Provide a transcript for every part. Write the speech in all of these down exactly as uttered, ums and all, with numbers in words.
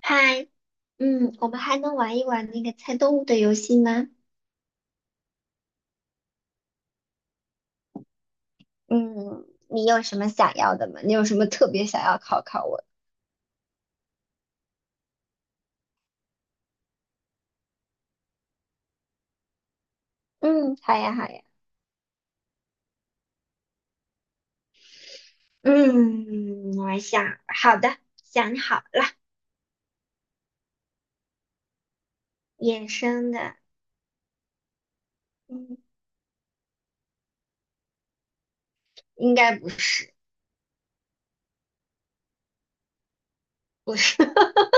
嗨，嗯，我们还能玩一玩那个猜动物的游戏吗？嗯，你有什么想要的吗？你有什么特别想要考考我？嗯，好呀，好呀。嗯，我想，好的，想好了，野生的，嗯，应该不是，不是。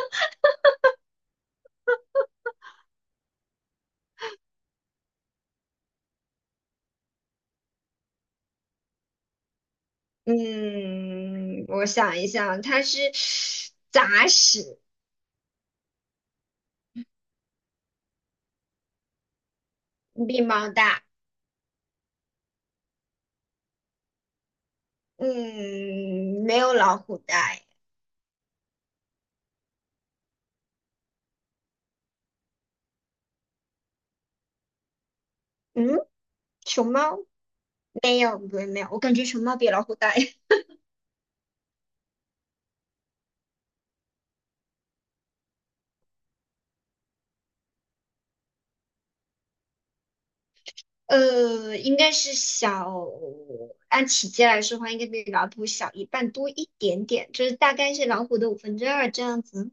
嗯，我想一想，它是杂食，比猫大。嗯，没有老虎大嗯，熊猫没有，不是没有，我感觉熊猫比老虎大，呃，应该是小，按体积来说的话，应该比老虎小一半多一点点，就是大概是老虎的五分之二这样子。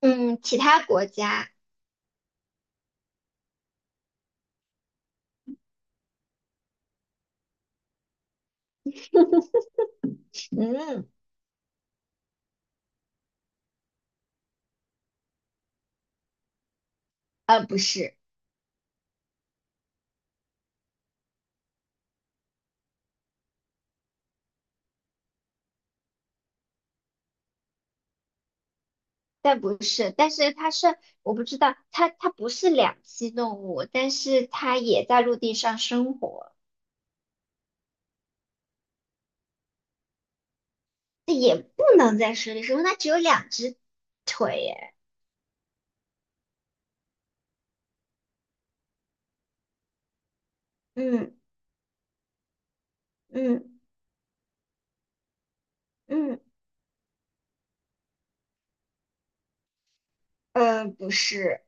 嗯，其他国家，嗯，呃，不是，但不是，但是它是，我不知道，它它不是两栖动物，但是它也在陆地上生活，也不能在水里生活，它只有两只腿耶。嗯嗯嗯，呃，不是，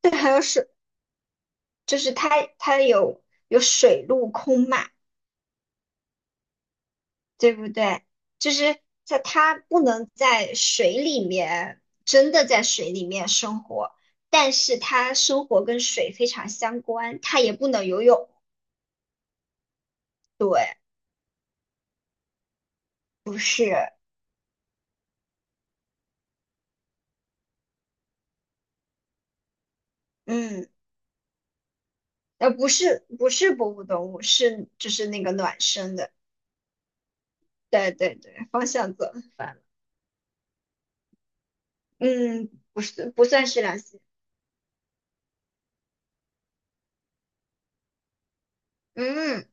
对还有水。就是它它有有水陆空嘛，对不对？就是在它不能在水里面真的在水里面生活，但是它生活跟水非常相关，它也不能游泳。对，不是，嗯，呃，不是不是哺乳动物，是就是那个卵生的。对对对，方向走反了。嗯，不是不算是两栖。嗯。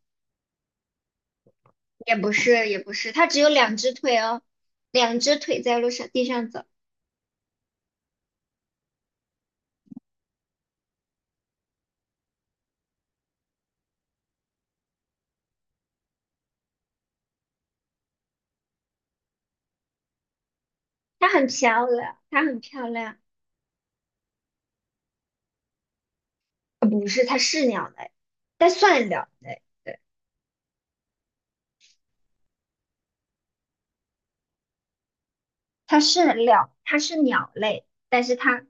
也不是，也不是，它只有两只腿哦，两只腿在路上地上走，它很漂亮，它很漂亮。呃不是，它是鸟类，但算鸟类，它是鸟，它是鸟类，但是它，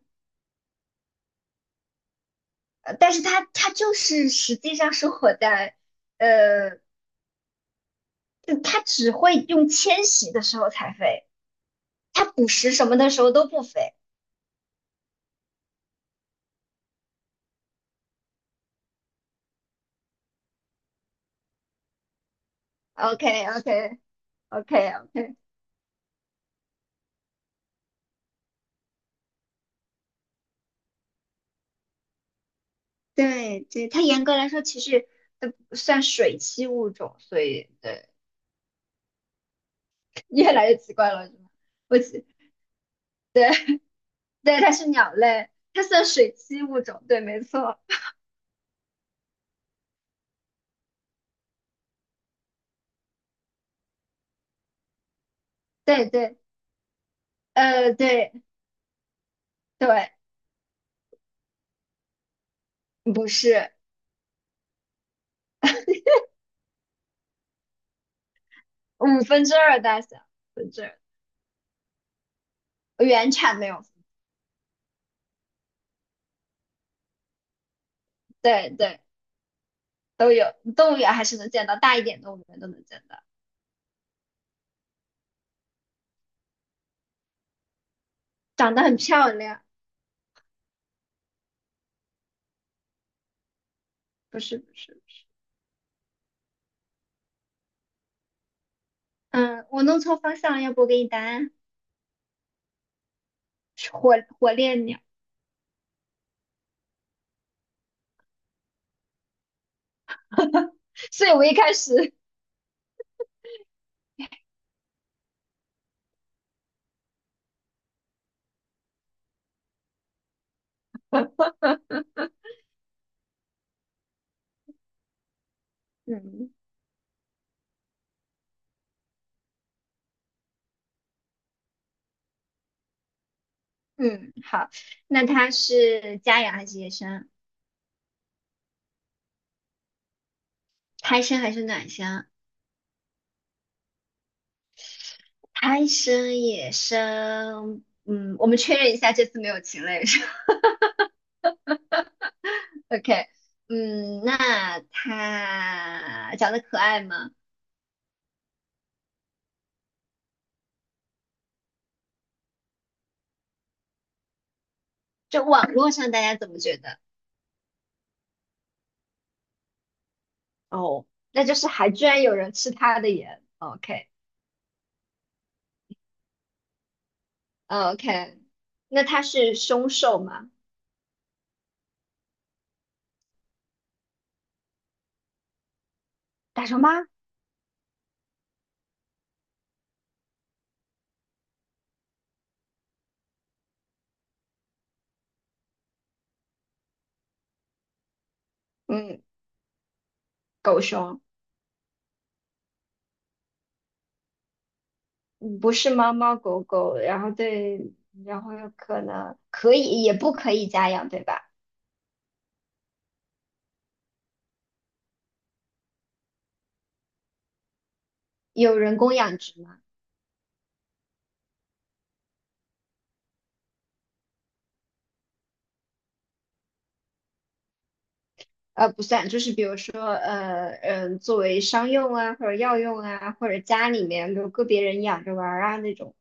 呃，但是它，它就是实际上生活在，呃，它只会用迁徙的时候才飞，它捕食什么的时候都不飞。o k o k o k o k 对对，它严格来说其实呃算水栖物种，所以对。越来越奇怪了，是吗？我记，对，它是鸟类，它算水栖物种，对，没错，对对，呃，对对，不是五分之二大小，五分之二，原产没有，对对，都有，动物园还是能见到，大一点动物园都能见到，长得很漂亮，不是不是不是，嗯，我弄错方向了，要不我给你答案，是火火烈鸟，所以我一开始，嗯嗯，好，那它是家养还是野生？胎生还是卵生？贪生野生，嗯，我们确认一下，这次没有禽类是吧 OK，嗯，那它长得可爱吗？就网络上大家怎么觉得？哦，那就是还居然有人吃它的盐。OK，OK，那它是凶兽吗？大熊猫？嗯，狗熊。嗯不是猫猫狗狗，然后对，然后有可能可以，也不可以家养，对吧？有人工养殖吗？呃，不算，就是比如说，呃，嗯、作为商用啊，或者药用啊，或者家里面有个别人养着玩儿啊那种。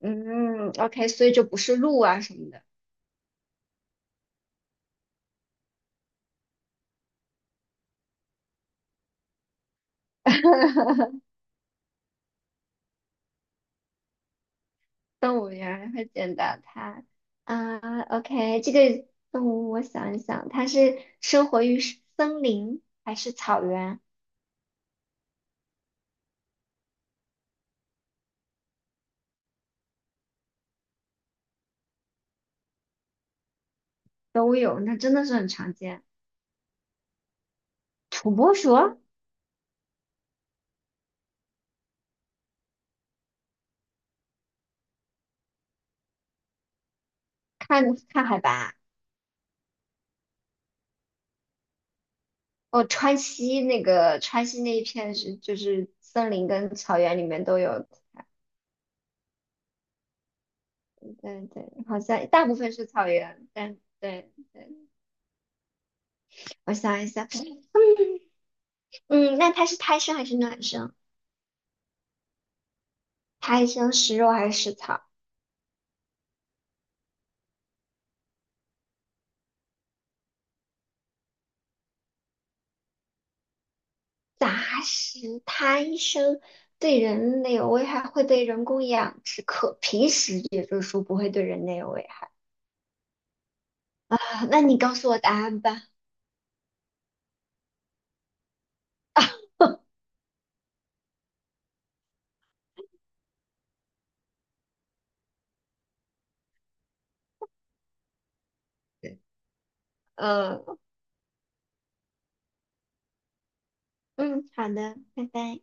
嗯，OK，所以就不是鹿啊什么的。动物园会见到它啊。OK，这个动物我想一想，它是生活于森林还是草原都有，那真的是很常见。土拨鼠，看看海拔。哦，川西那个川西那一片是就是森林跟草原里面都有对对，好像大部分是草原，但对对，我想一下，嗯，那它是胎生还是卵生？胎生食肉还是食草？杂食胎生对人类有危害，会被人工养殖，可平时也就是说不会对人类有危害啊。那你告诉我答案吧。嗯嗯，好的，拜拜。